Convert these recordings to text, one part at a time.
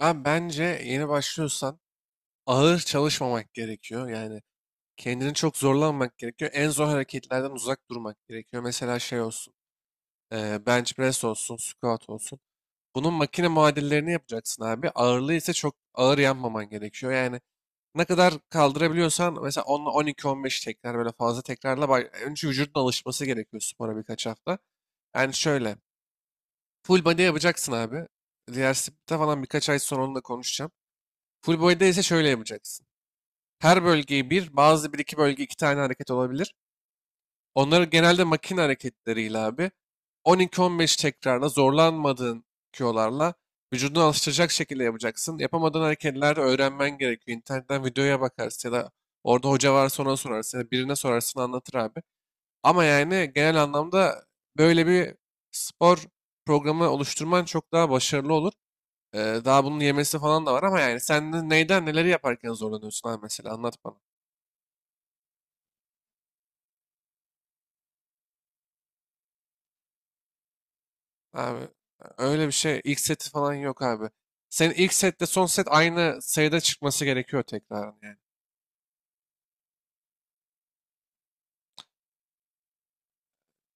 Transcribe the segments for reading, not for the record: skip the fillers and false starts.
Bence yeni başlıyorsan ağır çalışmamak gerekiyor. Yani kendini çok zorlanmak gerekiyor. En zor hareketlerden uzak durmak gerekiyor. Mesela şey olsun, bench press olsun, squat olsun. Bunun makine muadillerini yapacaksın abi. Ağırlığı ise çok ağır yapmaman gerekiyor. Yani ne kadar kaldırabiliyorsan mesela 10 12-15 tekrar böyle fazla tekrarla önce vücudun alışması gerekiyor spora birkaç hafta. Yani şöyle full body yapacaksın abi. Diğer split'te falan birkaç ay sonra onunla konuşacağım. Full body'de ise şöyle yapacaksın. Her bölgeyi bazı bir iki bölge iki tane hareket olabilir. Onları genelde makine hareketleriyle abi 12-15 tekrarla zorlanmadığın Q olarla, vücudunu alıştıracak şekilde yapacaksın. Yapamadığın hareketler öğrenmen gerekiyor. İnternetten videoya bakarsın ya da orada hoca varsa ona sorarsın ya da birine sorarsın anlatır abi. Ama yani genel anlamda böyle bir spor programı oluşturman çok daha başarılı olur. Ee, daha bunun yemesi falan da var ama yani sen neyden neleri yaparken zorlanıyorsun abi mesela anlat bana. Abi öyle bir şey. İlk seti falan yok abi. Senin ilk setle son set aynı sayıda çıkması gerekiyor tekrar yani.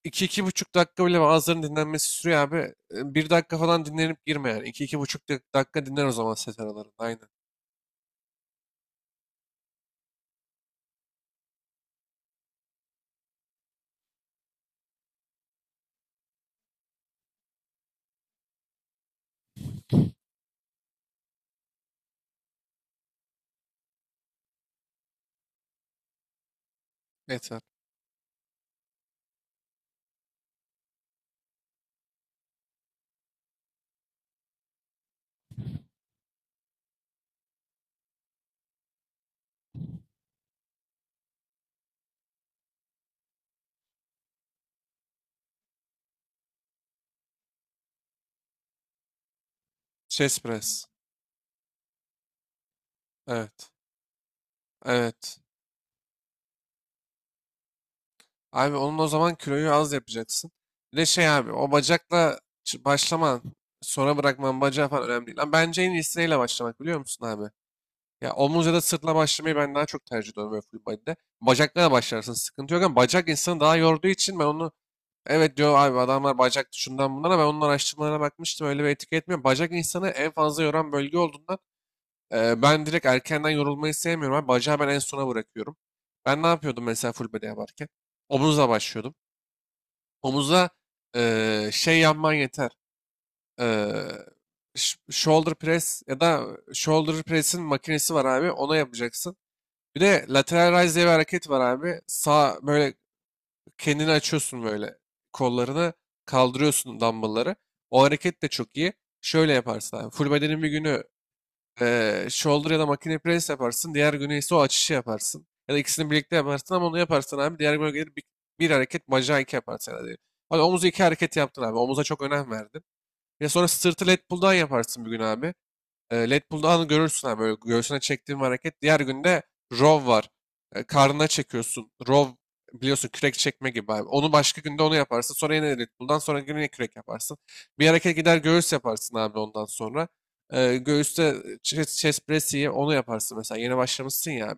2,5 dakika bile bazılarının dinlenmesi sürüyor abi. 1 dakika falan dinlenip girme yani. İki buçuk dakika dinlen o zaman set aralarında. Aynen. Yeter. Chest press. Evet. Evet. Abi onun o zaman kiloyu az yapacaksın. Bir de şey abi o bacakla başlaman, sonra bırakman bacağı falan önemli değil. Lan bence en iyisiyle başlamak biliyor musun abi? Ya omuz ya da sırtla başlamayı ben daha çok tercih ediyorum böyle full body'de. Bacakla da başlarsın sıkıntı yok ama bacak insanı daha yorduğu için ben onu evet diyor abi adamlar bacak şundan bundan ama ben onun araştırmalarına bakmıştım öyle bir etki etmiyor. Bacak insanı en fazla yoran bölge olduğundan ben direkt erkenden yorulmayı sevmiyorum abi. Bacağı ben en sona bırakıyorum. Ben ne yapıyordum mesela full body yaparken? Omuzla başlıyordum. Omuzla şey yapman yeter. E, Shoulder press ya da shoulder press'in makinesi var abi. Ona yapacaksın. Bir de lateral raise diye bir hareket var abi. Sağ böyle kendini açıyorsun böyle. Kollarını kaldırıyorsun dumbbellları. O hareket de çok iyi. Şöyle yaparsın abi. Full bedenin bir günü shoulder ya da makine press yaparsın. Diğer günü ise o açışı yaparsın. Ya da ikisini birlikte yaparsın ama onu yaparsan abi diğer güne gelir bir hareket bacağı iki yaparsın. Yani. Hadi omuzu iki hareket yaptın abi. Omuza çok önem verdin. Ya sonra sırtı lat pull'dan yaparsın bir gün abi. Lat Pulldown'u görürsün abi böyle göğsüne çektiğin bir hareket. Diğer günde row var. Karnına çekiyorsun. Row biliyorsun kürek çekme gibi abi. Onu başka günde onu yaparsın. Sonra yine lat pull'dan sonra yine kürek yaparsın. Bir hareket gider göğüs yaparsın abi ondan sonra. Göğüste chest press onu yaparsın mesela. Yeni başlamışsın ya.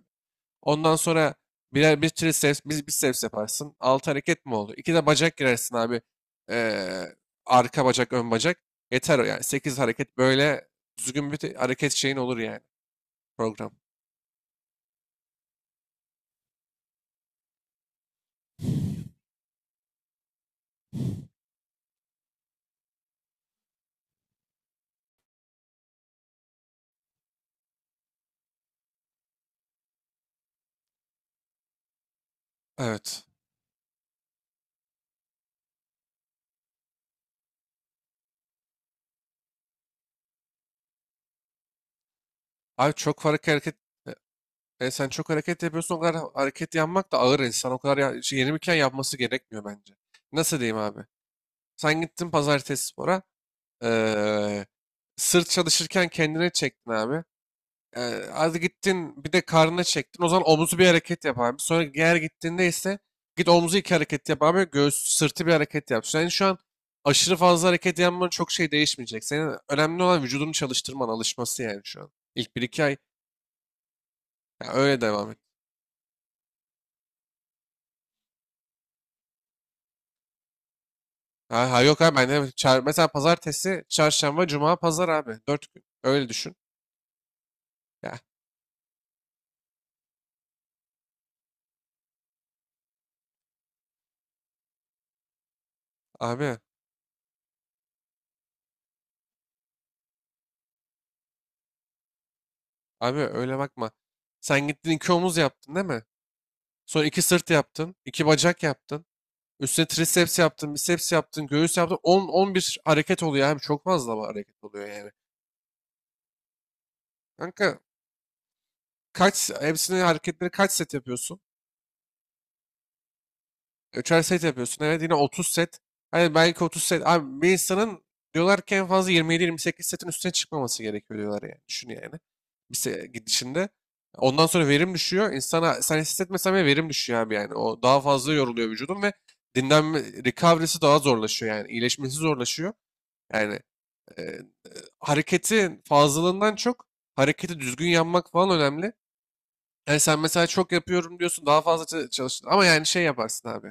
Ondan sonra bir triceps, bir biceps yaparsın. Altı hareket mi oldu? İki de bacak girersin abi. Ee, arka bacak, ön bacak. Yeter o yani. Sekiz hareket böyle düzgün bir hareket şeyin olur yani program. Evet. Abi çok farklı hareket. Sen çok hareket yapıyorsun o kadar hareket yapmak da ağır insan. O kadar ya, şey, yenilirken yapması gerekmiyor bence. Nasıl diyeyim abi? Sen gittin pazartesi spora. ee, sırt çalışırken kendine çektin abi. Hadi gittin bir de karnına çektin. O zaman omuzu bir hareket yap abi. Sonra diğer gittiğinde ise git omuzu iki hareket yap abi. Göğüs sırtı bir hareket yap. Yani şu an aşırı fazla hareket yapman çok şey değişmeyecek. Senin önemli olan vücudunu çalıştırman, alışması yani şu an. İlk bir iki ay ya öyle devam et. Ha, ha yok abi ben de mesela pazartesi, çarşamba, cuma, pazar abi. 4 gün. Öyle düşün. Ya abi, abi öyle bakma. Sen gittin iki omuz yaptın değil mi? Sonra iki sırt yaptın, iki bacak yaptın. Üstüne triceps yaptın, biceps yaptın, göğüs yaptın. 10-11 hareket oluyor abi. Çok fazla hareket oluyor yani. Kanka kaç hepsini hareketleri kaç set yapıyorsun? Üçer set yapıyorsun. Evet yine 30 set. Hani belki 30 set. Abi bir insanın diyorlar ki en fazla 27-28 setin üstüne çıkmaması gerekiyor diyorlar yani. Düşün yani. Bir gidişinde. Ondan sonra verim düşüyor. İnsana sen hissetmesen bile verim düşüyor abi yani. O daha fazla yoruluyor vücudun ve dinlenme recovery'si daha zorlaşıyor yani. İyileşmesi zorlaşıyor. Yani e, hareketin fazlalığından çok hareketi düzgün yapmak falan önemli. Yani sen mesela çok yapıyorum diyorsun daha fazla çalıştın ama yani şey yaparsın abi.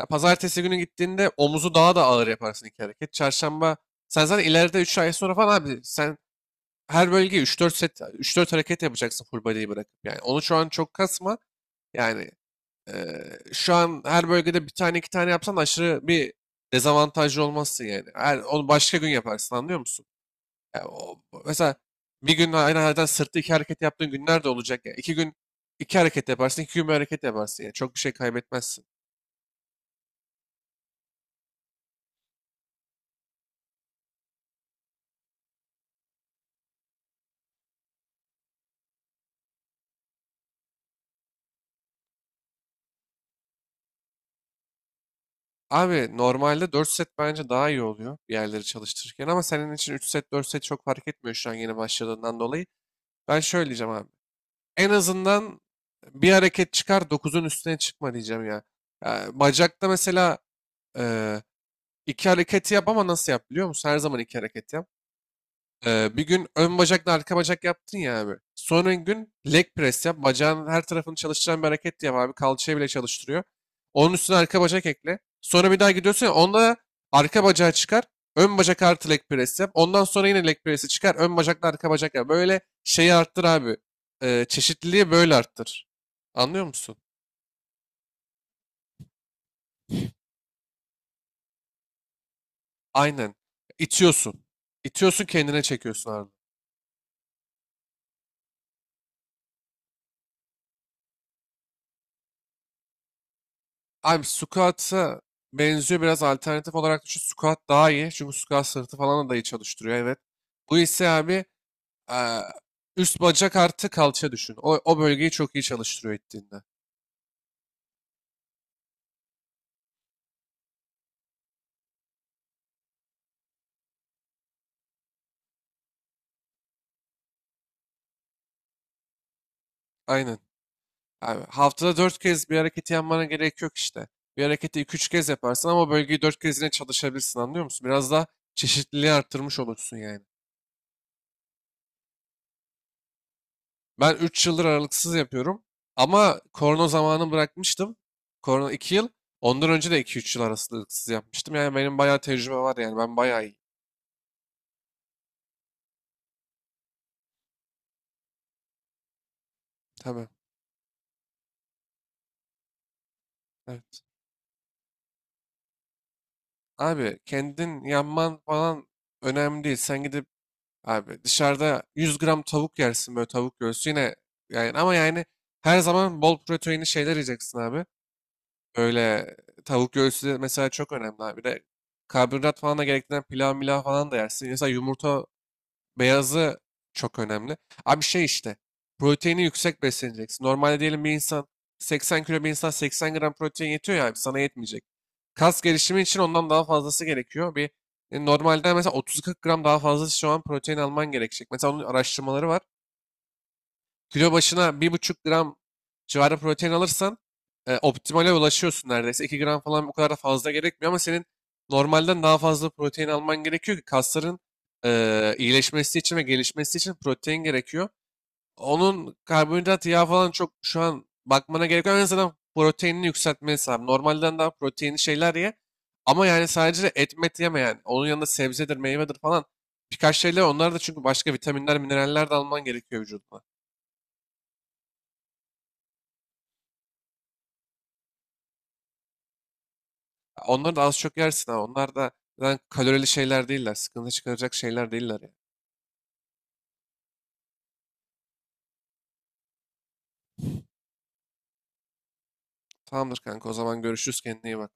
Ya pazartesi günü gittiğinde omuzu daha da ağır yaparsın iki hareket. Çarşamba sen zaten ileride 3 ay sonra falan abi sen her bölgeye üç dört set üç dört hareket yapacaksın full body'yi bırakıp yani. Onu şu an çok kasma. Yani şu an her bölgede bir tane iki tane yapsan aşırı bir dezavantajlı olmazsın yani. Onu başka gün yaparsın anlıyor musun? Ya mesela bir gün aynı halden sırtı iki hareket yaptığın günler de olacak. Ya İki gün iki hareket yaparsın, iki gün bir hareket yaparsın. Yani çok bir şey kaybetmezsin. Abi normalde 4 set bence daha iyi oluyor bir yerleri çalıştırırken ama senin için 3 set 4 set çok fark etmiyor şu an yeni başladığından dolayı. Ben şöyle diyeceğim abi. En azından bir hareket çıkar dokuzun üstüne çıkma diyeceğim ya. Ya bacakta mesela e, iki hareketi yap ama nasıl yap biliyor musun? Her zaman iki hareket yap. Bir gün ön bacakla arka bacak yaptın ya abi. Sonra gün leg press yap. Bacağın her tarafını çalıştıran bir hareket yap abi. Kalçayı bile çalıştırıyor. Onun üstüne arka bacak ekle. Sonra bir daha gidiyorsun ya, onda arka bacağı çıkar. Ön bacak artı leg press yap. Ondan sonra yine leg press'i çıkar. Ön bacakla arka bacak yap. Böyle şeyi arttır abi. Çeşitliliği böyle arttır. Anlıyor musun? Aynen. İtiyorsun. İtiyorsun kendine çekiyorsun abi. Abi squat'a benziyor biraz alternatif olarak düşün. Squat daha iyi. Çünkü squat sırtı falan da iyi çalıştırıyor evet. Bu ise abi eee, üst bacak artı kalça düşün. O bölgeyi çok iyi çalıştırıyor ettiğinde. Aynen. Abi, haftada 4 kez bir hareketi yapmana gerek yok işte. Bir hareketi iki üç kez yaparsın ama o bölgeyi 4 kez yine çalışabilirsin anlıyor musun? Biraz daha çeşitliliği arttırmış olursun yani. Ben 3 yıldır aralıksız yapıyorum. Ama korona zamanı bırakmıştım. Korona 2 yıl. Ondan önce de iki üç yıl aralıksız yapmıştım. Yani benim bayağı tecrübe var yani. Ben bayağı iyi. Tabii. Evet. Abi kendin yanman falan önemli değil. Sen gidip abi dışarıda 100 gram tavuk yersin böyle tavuk göğsü yine yani ama yani her zaman bol proteinli şeyler yiyeceksin abi. Böyle tavuk göğsü de mesela çok önemli abi. Bir de karbonhidrat falan da gerektiren pilav milav falan da yersin. Mesela yumurta beyazı çok önemli. Abi şey işte. Proteini yüksek besleneceksin. Normalde diyelim bir insan 80 kilo bir insan 80 gram protein yetiyor ya abi, sana yetmeyecek. Kas gelişimi için ondan daha fazlası gerekiyor. Bir normalden mesela 30-40 gram daha fazla şu an protein alman gerekecek. Mesela onun araştırmaları var. Kilo başına 1,5 gram civarı protein alırsan optimale ulaşıyorsun neredeyse. 2 gram falan bu kadar da fazla gerekmiyor ama senin normalden daha fazla protein alman gerekiyor ki kasların iyileşmesi için ve gelişmesi için protein gerekiyor. Onun karbonhidrat, yağ falan çok şu an bakmana gerek yok. En azından proteinini yükseltmesi lazım. Normalden daha proteinli şeyler ye. Ama yani sadece et met yeme yani. Onun yanında sebzedir, meyvedir falan. Birkaç şeyler onlar da çünkü başka vitaminler, mineraller de alman gerekiyor vücuduna. Onları da az çok yersin ha. Onlar da zaten kalorili şeyler değiller. Sıkıntı çıkaracak şeyler değiller ya. Tamamdır kanka o zaman görüşürüz kendine iyi bak.